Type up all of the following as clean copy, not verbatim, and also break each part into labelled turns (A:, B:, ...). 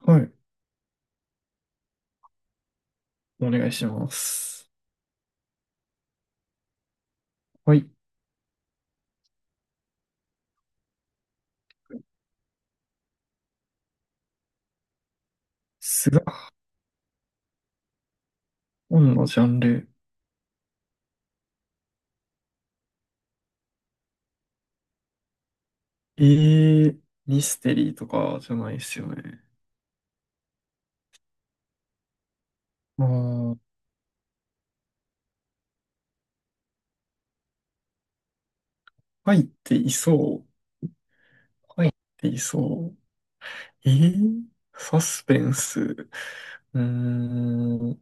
A: はい。お願いします。はい。スが、本のジャンル。えー、ミステリーとかじゃないですよね。あー、入っていそう。入っていそう。ー、サスペンス。言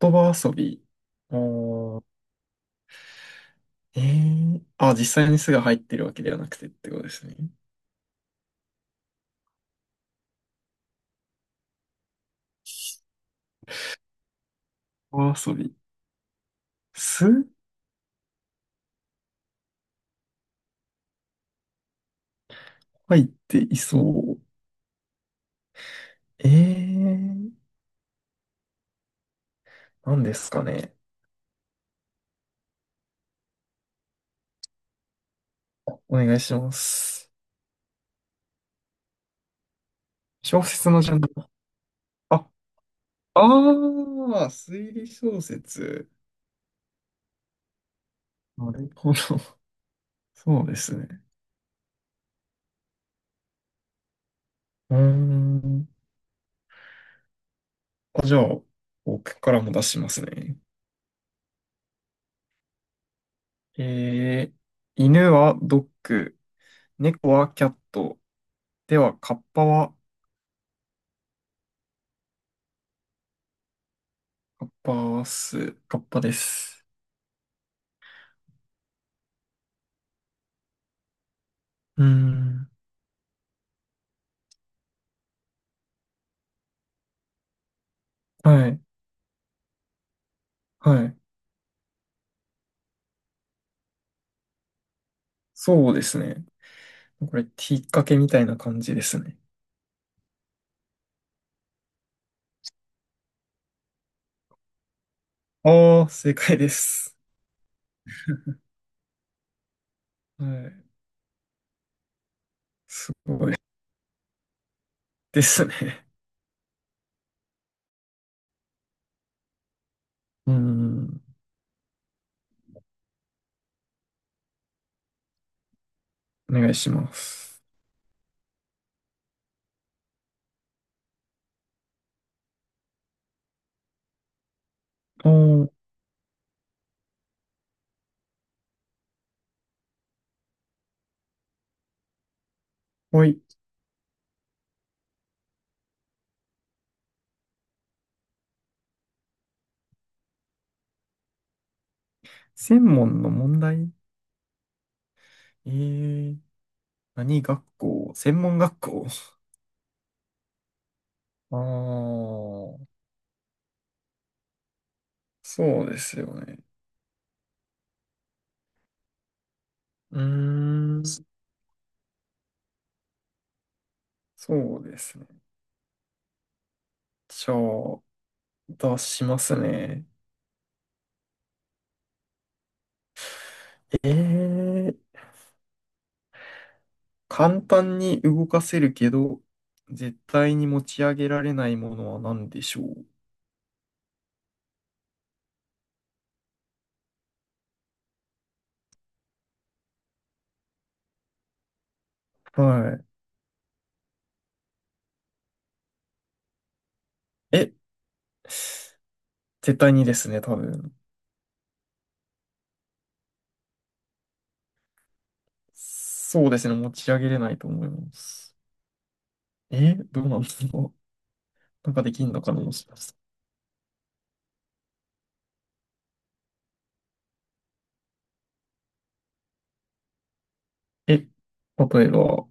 A: 葉遊び。あー、え実際にすが入ってるわけではなくてってことですね。言葉遊び。す入っていそう。えー、何ですかね。お願いします。小説のジャンル。あ、推理小説。なるほど。そうですね。うーん。じゃあ、僕からも出しますね。えー、犬はドッグ、猫はキャット。では、カッパは、カッパス、カッパです。うーん。はい、はい。そうですね。これ、引っ掛けみたいな感じですね。ああ、正解です。はい。すごい。ですね。うーん。お願いします。おー、はい。専門の問題えー、何学校専門学校ああー、そうですよね。うーん、そうですね。じゃあ、出しますね。えー、簡単に動かせるけど、絶対に持ち上げられないものは何でしょう。はい。え、絶対にですね、多分。そうですね、持ち上げれないと思います。え、どうなんですか？ なんかできんのかなもしかして。え、例えば、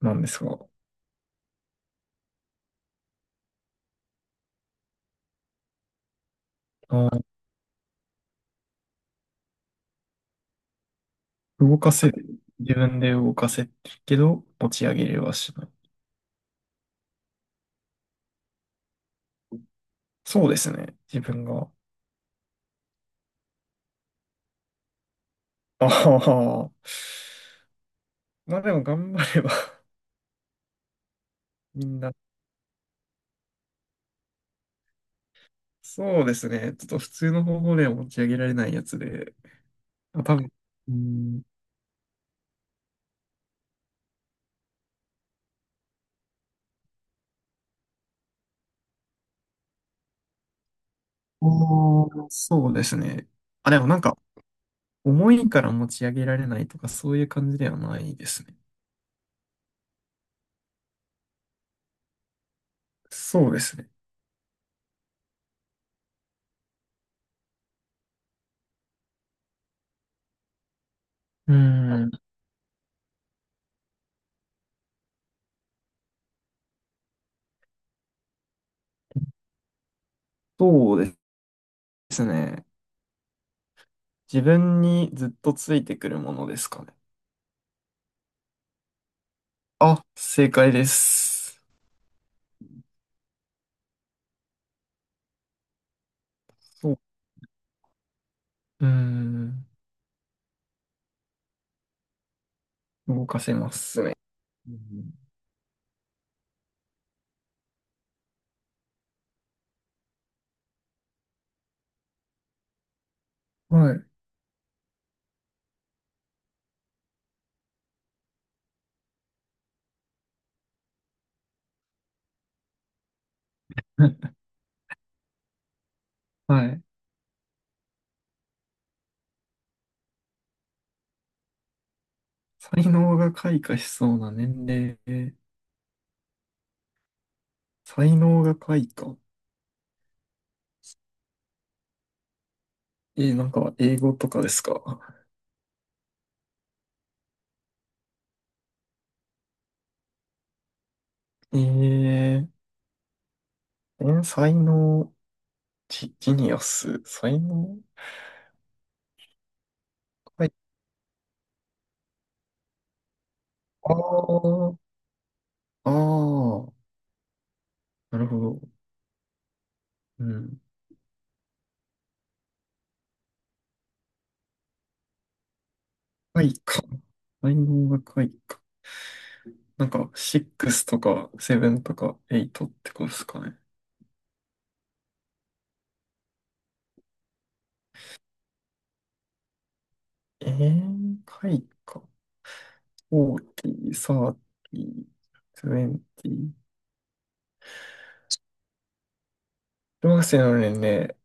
A: なんですか？あー、動かせる。自分で動かせるけど、持ち上げれはしない。そうですね。自分が。ああ。まあでも頑張れば みんな。そうですね。ちょっと普通の方法では持ち上げられないやつで。あ、多分。うん。そうですね。あ、でもなんか、重いから持ち上げられないとか、そういう感じではないですね。そうですね。うーん。そうですね。自分にずっとついてくるものですかね。あ、正解です。そう、うーん。動かせますね。うん、はい。はい。才能が開花しそうな年齢。才能が開花。なんか英語とかですか？えー、え才能、ジニアス、才能開花。ああ、ああ、なるほど。うん。回か。才能が開花。なんか、6とか7とか8ってことですかね。開花。40、30、20。小学生の年齢、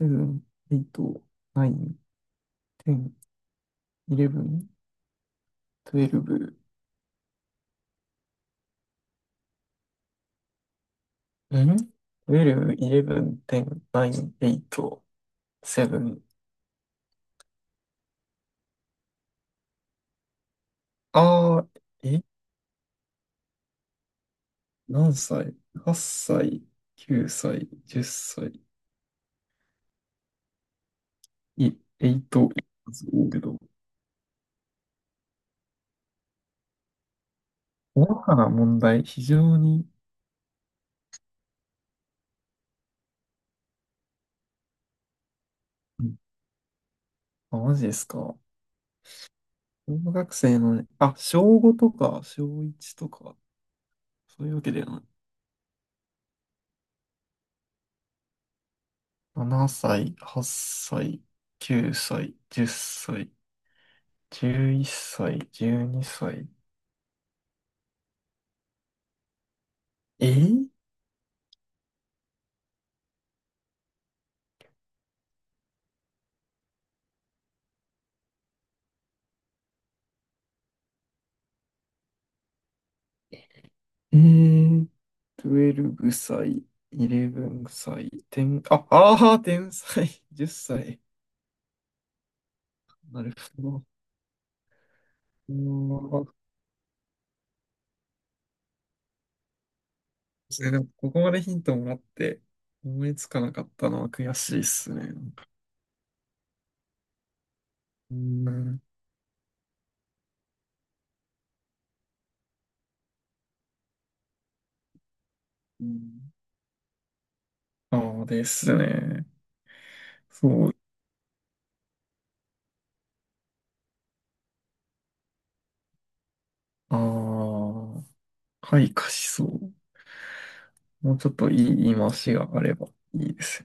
A: 7、8、9、10、11、12。トゥエルブん1イ11、10、9、8、7。あー、え何歳？ 8 歳、9歳、10歳。い、えいと、言うけど、大かな問題、非常に、うん、あ、マジですか。小学生のね、あ、小5とか、小1とか、そういうわけではななさい。7歳、8歳、9歳、10歳、11歳、12歳。えー、えー、12歳、11歳、10、天才、10歳。なるほど。それでもここまでヒントもらって思いつかなかったのは悔しいっすね。なんか、うーん。うん、ああですね。そう。ああ。開花しそう。もうちょっといい言い回しがあればいいです